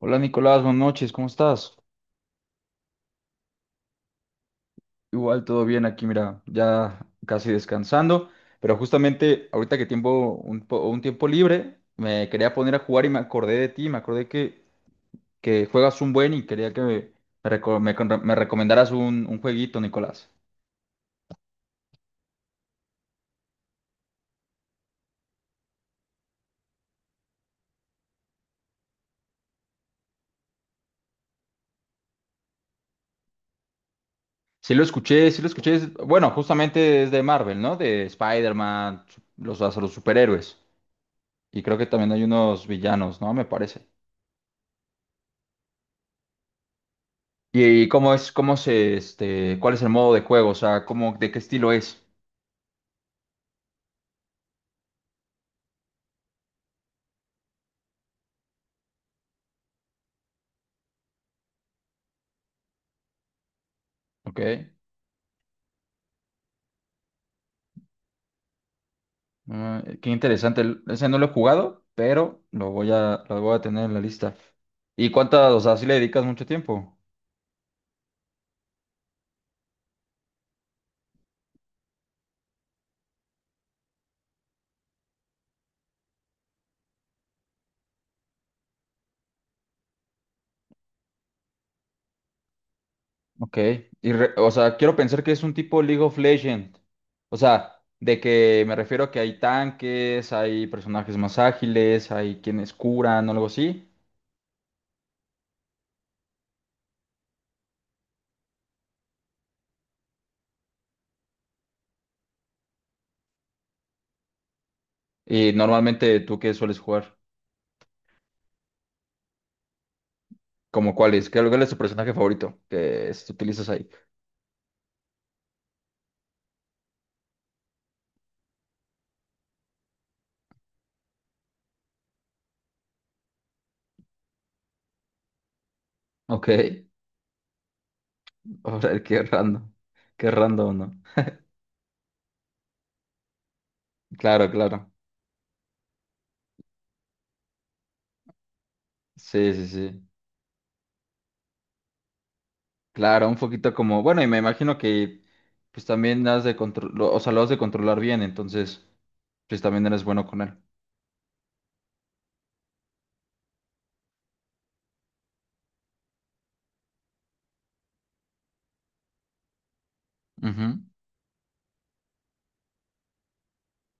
Hola Nicolás, buenas noches, ¿cómo estás? Igual todo bien aquí, mira, ya casi descansando, pero justamente ahorita que tiempo, un tiempo libre, me quería poner a jugar y me acordé de ti, que juegas un buen y quería que me recomendaras un jueguito, Nicolás. Sí lo escuché, bueno, justamente es de Marvel, ¿no? De Spider-Man, los superhéroes, y creo que también hay unos villanos, ¿no? Me parece. ¿Y cómo es, ¿cuál es el modo de juego? O sea, cómo, de qué estilo es. Ok. Ah, qué interesante. Ese no lo he jugado, pero lo voy a tener en la lista. ¿Y cuántas, o sea, si le dedicas mucho tiempo? Ok. O sea, quiero pensar que es un tipo League of Legends. O sea, de que me refiero a que hay tanques, hay personajes más ágiles, hay quienes curan o algo así. Y normalmente, ¿tú qué sueles jugar? ¿Como cuál es? ¿Qué, cuál es tu personaje favorito que utilizas ahí? Ok, ahora qué random, ¿no? Claro, claro, sí, sí, sí, claro, un poquito como, bueno, y me imagino que pues también has de controlar, o sea, lo has de controlar bien, entonces pues también eres bueno con él. Ujú.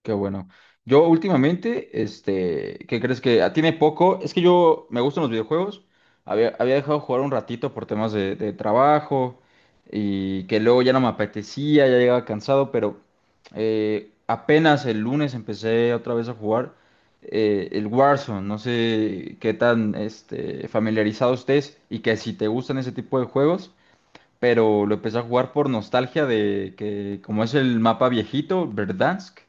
Qué bueno. Yo últimamente, este, ¿qué crees que ah, tiene poco? Es que yo me gustan los videojuegos. Había dejado de jugar un ratito por temas de trabajo y que luego ya no me apetecía, ya llegaba cansado, pero apenas el lunes empecé otra vez a jugar el Warzone. No sé qué tan este, familiarizado estés y que si te gustan ese tipo de juegos, pero lo empecé a jugar por nostalgia de que como es el mapa viejito, Verdansk.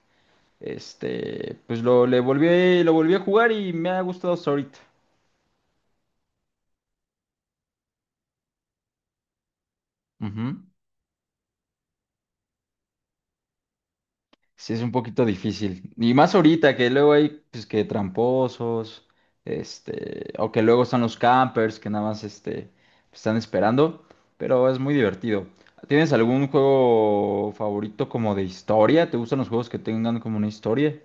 Este, le volví, lo volví a jugar y me ha gustado hasta ahorita. Ujú. Sí, es un poquito difícil. Y más ahorita, que luego hay, pues, que tramposos, este, o que luego están los campers que nada más, este, están esperando, pero es muy divertido. ¿Tienes algún juego favorito como de historia? ¿Te gustan los juegos que tengan como una historia?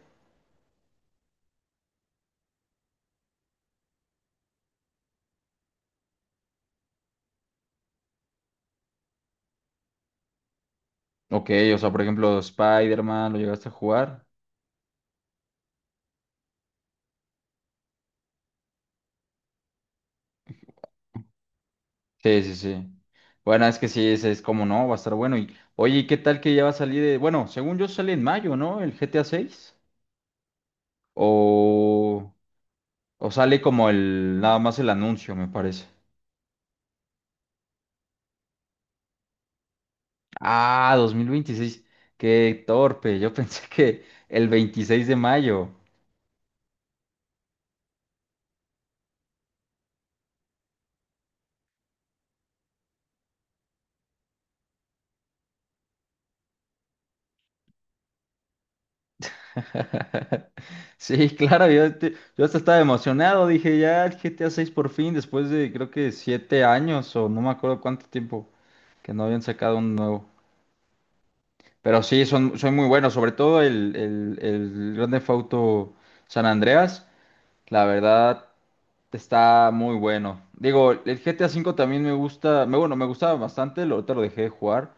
Ok, o sea, por ejemplo, Spider-Man, ¿lo llegaste a jugar? Sí, sí, sí. Bueno, es que sí, es como no, va a estar bueno. Y, oye, ¿y qué tal que ya va a salir? Bueno, según yo sale en mayo, ¿no? El GTA 6. O, o sale como el, nada más el anuncio, me parece. Ah, 2026. Qué torpe. Yo pensé que el 26 de mayo. Sí, claro, yo hasta estaba emocionado. Dije, ya el GTA 6 por fin, después de creo que siete años o no me acuerdo cuánto tiempo que no habían sacado un nuevo. Pero sí, son muy buenos, sobre todo el Grand Theft Auto San Andreas, la verdad está muy bueno. Digo, el GTA V también me gusta, me, bueno, me gustaba bastante, ahorita lo dejé de jugar,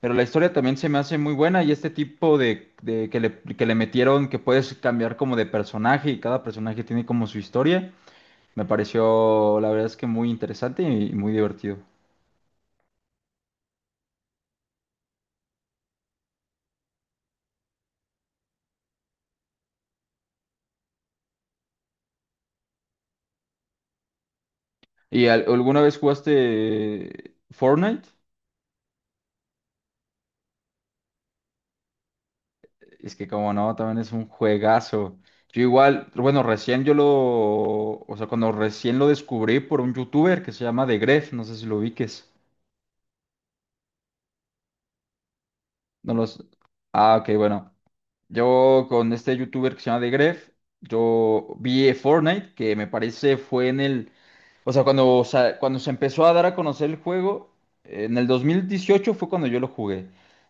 pero la historia también se me hace muy buena y este tipo de que que le metieron que puedes cambiar como de personaje y cada personaje tiene como su historia, me pareció la verdad es que muy interesante y, muy divertido. ¿ Alguna vez jugaste Fortnite? Es que como no, también es un juegazo. Yo igual, bueno, o sea, cuando recién lo descubrí por un youtuber que se llama Degref, no sé si lo ubiques. No los... Ah, ok, bueno. Yo con este youtuber que se llama Degref, yo vi Fortnite, que me parece fue en el O sea, cuando, o cuando se empezó a dar a conocer el juego, en el 2018 fue cuando yo lo jugué,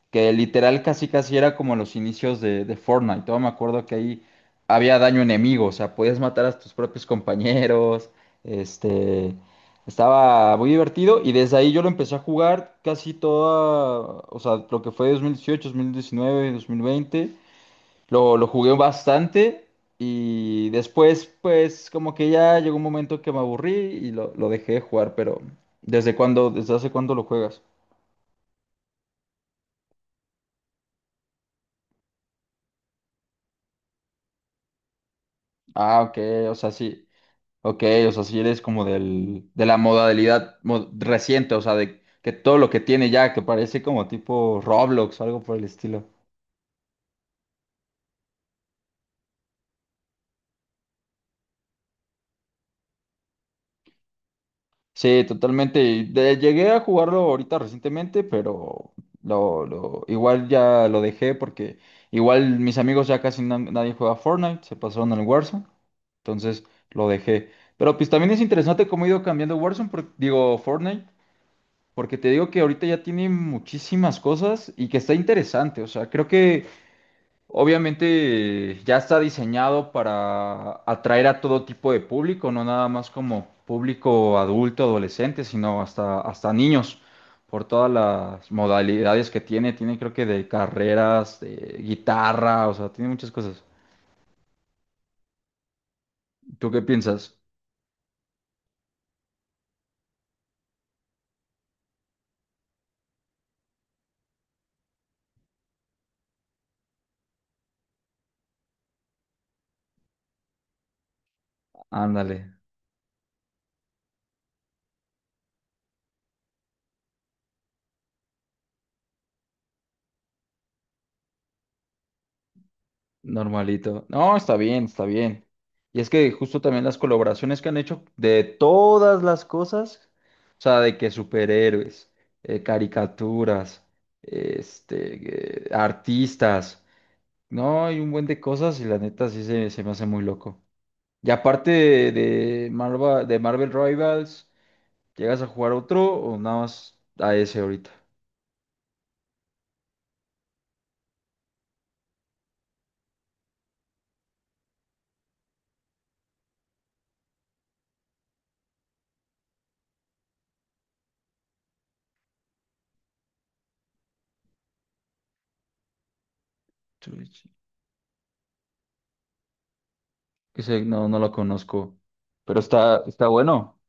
que literal casi casi era como los inicios de Fortnite. Todavía me acuerdo que ahí había daño enemigo, o sea, podías matar a tus propios compañeros, este, estaba muy divertido y desde ahí yo lo empecé a jugar casi toda, o sea, lo que fue 2018, 2019, 2020. Lo jugué bastante y después pues como que ya llegó un momento que me aburrí y lo dejé de jugar, pero ¿desde cuándo, desde hace cuándo lo juegas? Ah, ok, o sea, sí, ok, o sea, sí eres como de la modalidad reciente, o sea, de que todo lo que tiene ya, que parece como tipo Roblox o algo por el estilo. Sí, totalmente. Llegué a jugarlo ahorita recientemente, pero igual ya lo dejé porque igual mis amigos ya nadie juega Fortnite, se pasaron al Warzone, entonces lo dejé. Pero pues también es interesante cómo ha ido cambiando Warzone, digo Fortnite, porque te digo que ahorita ya tiene muchísimas cosas y que está interesante. O sea, creo que obviamente ya está diseñado para atraer a todo tipo de público, no nada más como público adulto, adolescente, sino hasta, hasta niños, por todas las modalidades que tiene. Tiene creo que de carreras, de guitarra, o sea, tiene muchas cosas. ¿Tú qué piensas? Ándale. Normalito. No, está bien, está bien. Y es que justo también las colaboraciones que han hecho de todas las cosas, o sea, de que superhéroes, caricaturas, artistas, no, hay un buen de cosas y la neta sí se me hace muy loco. Y aparte de Marvel Rivals, ¿llegas a jugar otro o nada más a ese ahorita? Twitch. Ese no, no lo conozco, pero está, está bueno.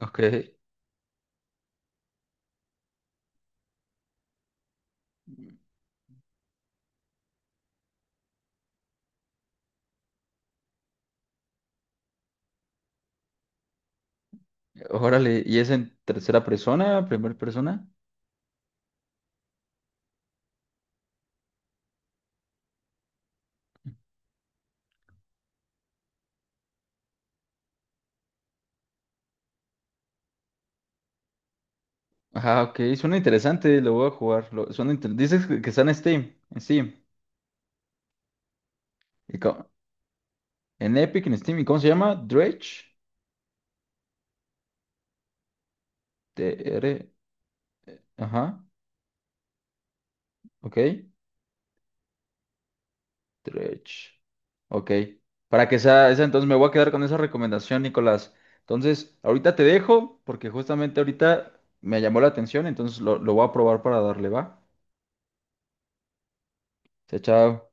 Ok. Órale, ¿y es en tercera persona, primera persona? Ajá, ok, suena interesante, lo voy a jugar. Dices que está en Steam, en Steam. ¿Y co- en Epic, en Steam, ¿y cómo se llama? Dredge. T-R. Ajá, ok. Dredge. Ok. Para que sea esa, entonces me voy a quedar con esa recomendación, Nicolás. Entonces, ahorita te dejo, porque justamente ahorita me llamó la atención, entonces lo voy a probar para darle, ¿va? Chao, chao.